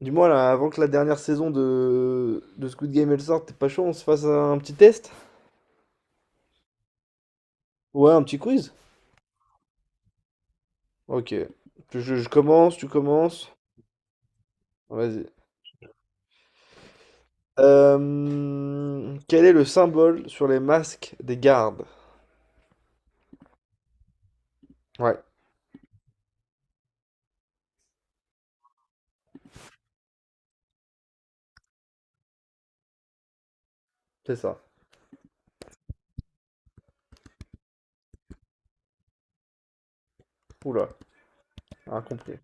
Dis-moi là, avant que la dernière saison de Squid Game elle sorte, t'es pas chaud, on se fasse un petit test? Ouais, un petit quiz? Ok. Je commence, tu commences. Vas-y. Quel est le symbole sur les masques des gardes? Ouais, c'est ça. Oula, incompris.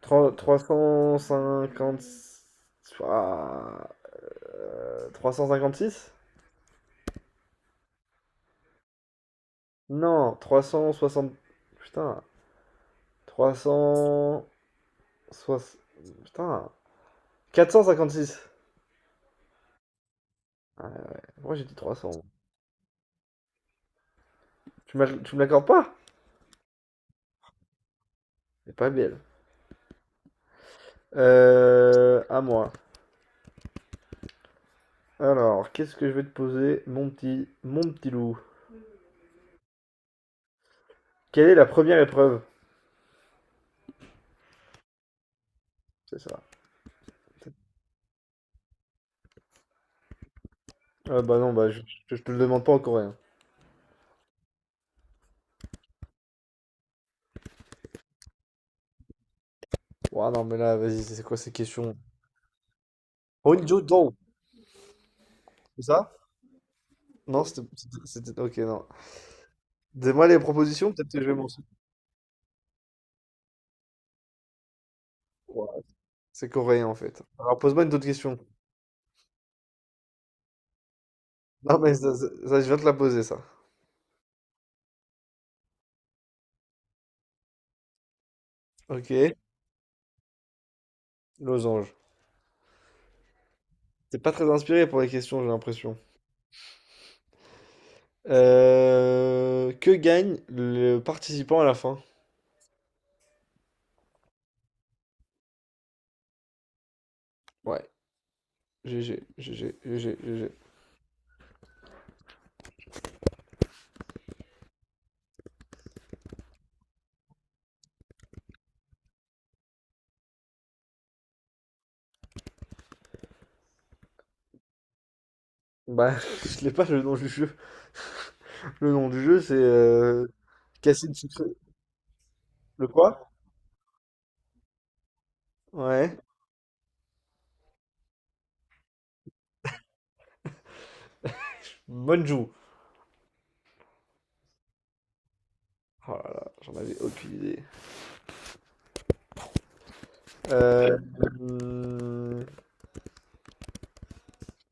350. Ah, six. Non, 360. Putain. 360. Putain. 456. Ouais, ouais. Moi j'ai dit 300. Tu me l'accordes pas? C'est pas belle. À moi. Alors, qu'est-ce que je vais te poser, mon petit loup? Quelle est la première épreuve? C'est ça. Bah non, bah je te le demande pas en coréen. Ouah, non, mais là, vas-y, c'est quoi ces questions? Honjo Do, c'est ça? Non, ok, non. Donne-moi les propositions, peut-être que je vais m'en souvenir. Ouah, c'est coréen en fait. Alors, pose-moi une autre question. Non, mais ça, je viens de te la poser, ça. Ok. Losange. T'es pas très inspiré pour les questions, j'ai l'impression. Que gagne le participant à la fin? Ouais, GG, GG, GG, GG. Bah, je l'ai pas le nom du jeu. Le nom du jeu, c'est casser le sucre. Le quoi? Ouais. Bonjou. Oh là là, j'en avais aucune idée. Euh, hum,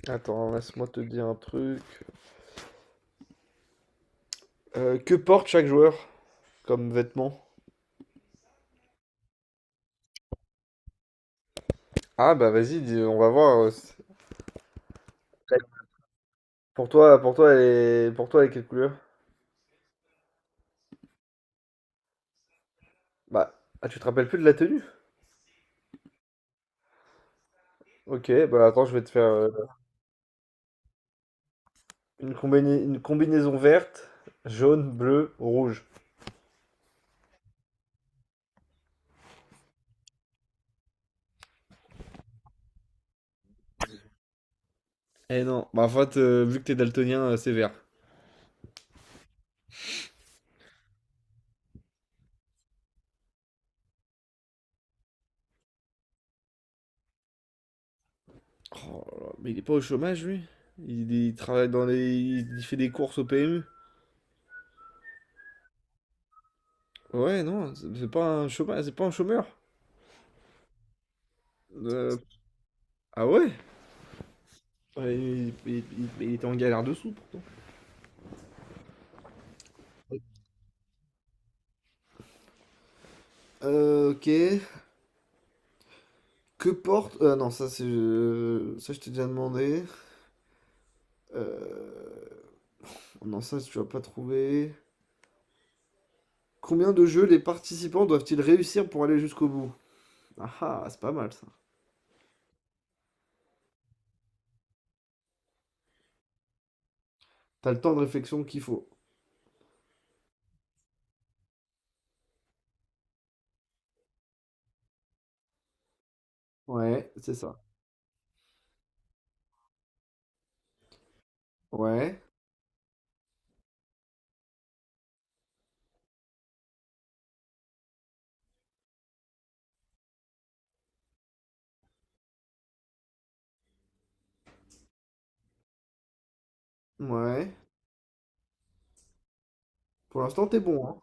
attends, laisse-moi te dire un truc. Que porte chaque joueur comme vêtement? Ah bah vas-y, on va voir. Pour toi, elle est quelle couleur? Bah, ah, tu te rappelles plus de la tenue? Ok, bah attends, je vais te faire une combinaison verte, jaune, bleu, rouge. Eh non, bah en fait, vu que t'es daltonien, c'est vert. Oh là là, mais il est pas au chômage, lui? Il travaille dans les. Il fait des courses au PMU? Ouais, non, c'est pas un chômage, c'est pas un chômeur. Euh, ah ouais? Ouais, il était en galère dessous, pourtant. Ok. Que porte. Ah non, ça je t'ai déjà demandé. Euh... Non, ça tu vas pas trouver. Combien de jeux les participants doivent-ils réussir pour aller jusqu'au bout? Ah ah, c'est pas mal ça. T'as le temps de réflexion qu'il faut. Ouais, c'est ça. Ouais, ouais. Pour l'instant, t'es bon, hein.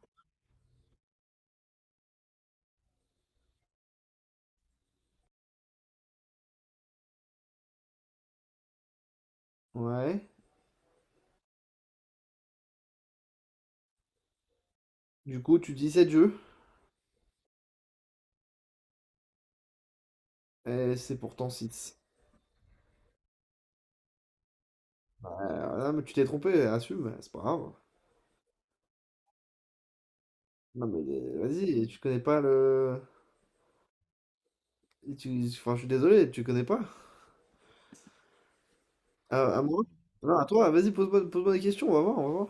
Ouais. Du coup, tu dis 7 jeux, et c'est pourtant 6. Ah mais tu t'es trompé, assume, c'est pas grave. Non, mais vas-y, tu connais pas le. Enfin, je suis désolé, tu connais pas. À moi? Non, à toi, vas-y, pose-moi pose-moi des questions, on va voir, on va voir.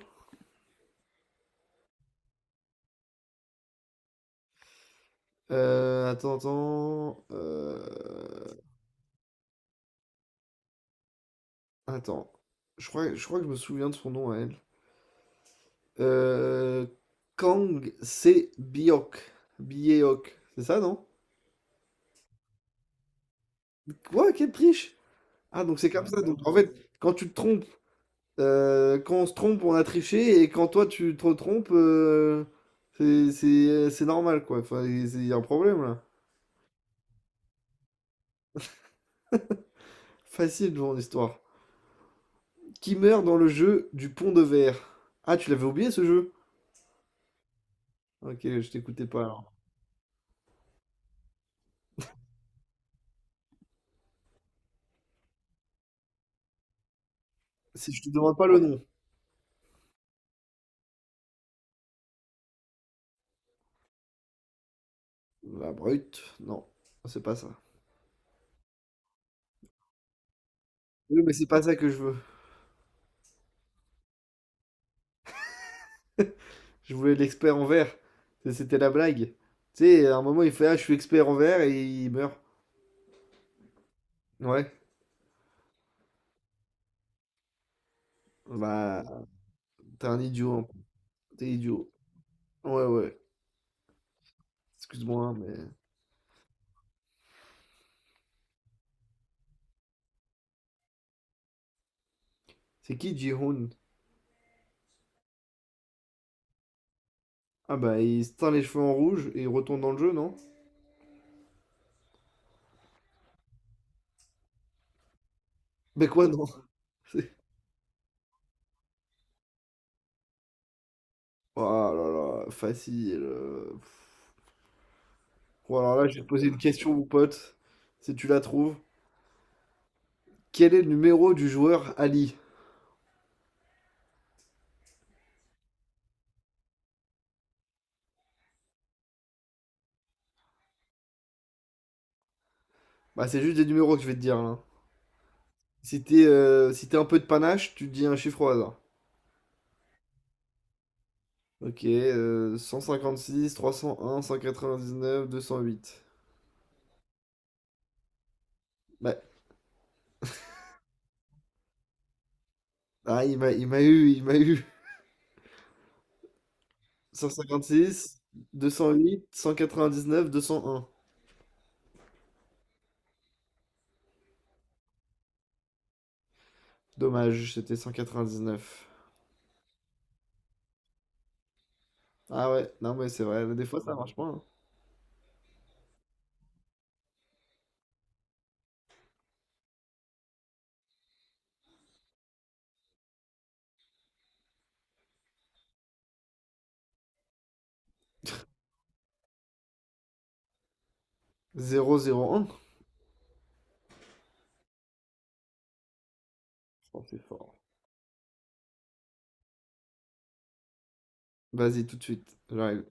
Attends, attends. Attends, je crois que je me souviens de son nom à elle. Euh, Kang Se Biok. Biok, c'est ça, non? Quoi, quelle triche? Ah, donc c'est comme ouais, ça. Bah donc oui, en fait, quand tu te trompes, quand on se trompe, on a triché, et quand toi tu te trompes, c'est normal, quoi. Enfin, il y a un problème là. Facile devant l'histoire. Qui meurt dans le jeu du pont de verre? Ah, tu l'avais oublié ce jeu? Ok, je t'écoutais pas alors. Si je te demande pas le nom. La brute, non, c'est pas ça. Oui, mais c'est pas ça que je veux. Je voulais l'expert en verre. C'était la blague. Tu sais, à un moment, il fait: ah, je suis expert en verre, et il meurt. Ouais. Bah, t'es un idiot, hein. T'es idiot. Ouais, ouais. Excuse-moi, hein, mais. C'est qui Ji-hoon? Ah, bah, il se teint les cheveux en rouge et il retourne dans le jeu, non? Mais quoi, non? C'est- Oh là là, facile. Bon, alors là, je vais te poser une question, mon pote. Si tu la trouves. Quel est le numéro du joueur Ali? Bah, c'est juste des numéros que je vais te dire, là. Si t'es un peu de panache, tu dis un chiffre au hasard. Ok, 156, 301, 199, 208. Bah, ah, il m'a eu, il m'a eu. Cent cinquante six, 208, 199, 201. Dommage, c'était 199. Ah ouais, non mais c'est vrai, des fois ça marche pas, hein. 001. Oh, c'est fort. Vas-y, tout de suite, j'arrive.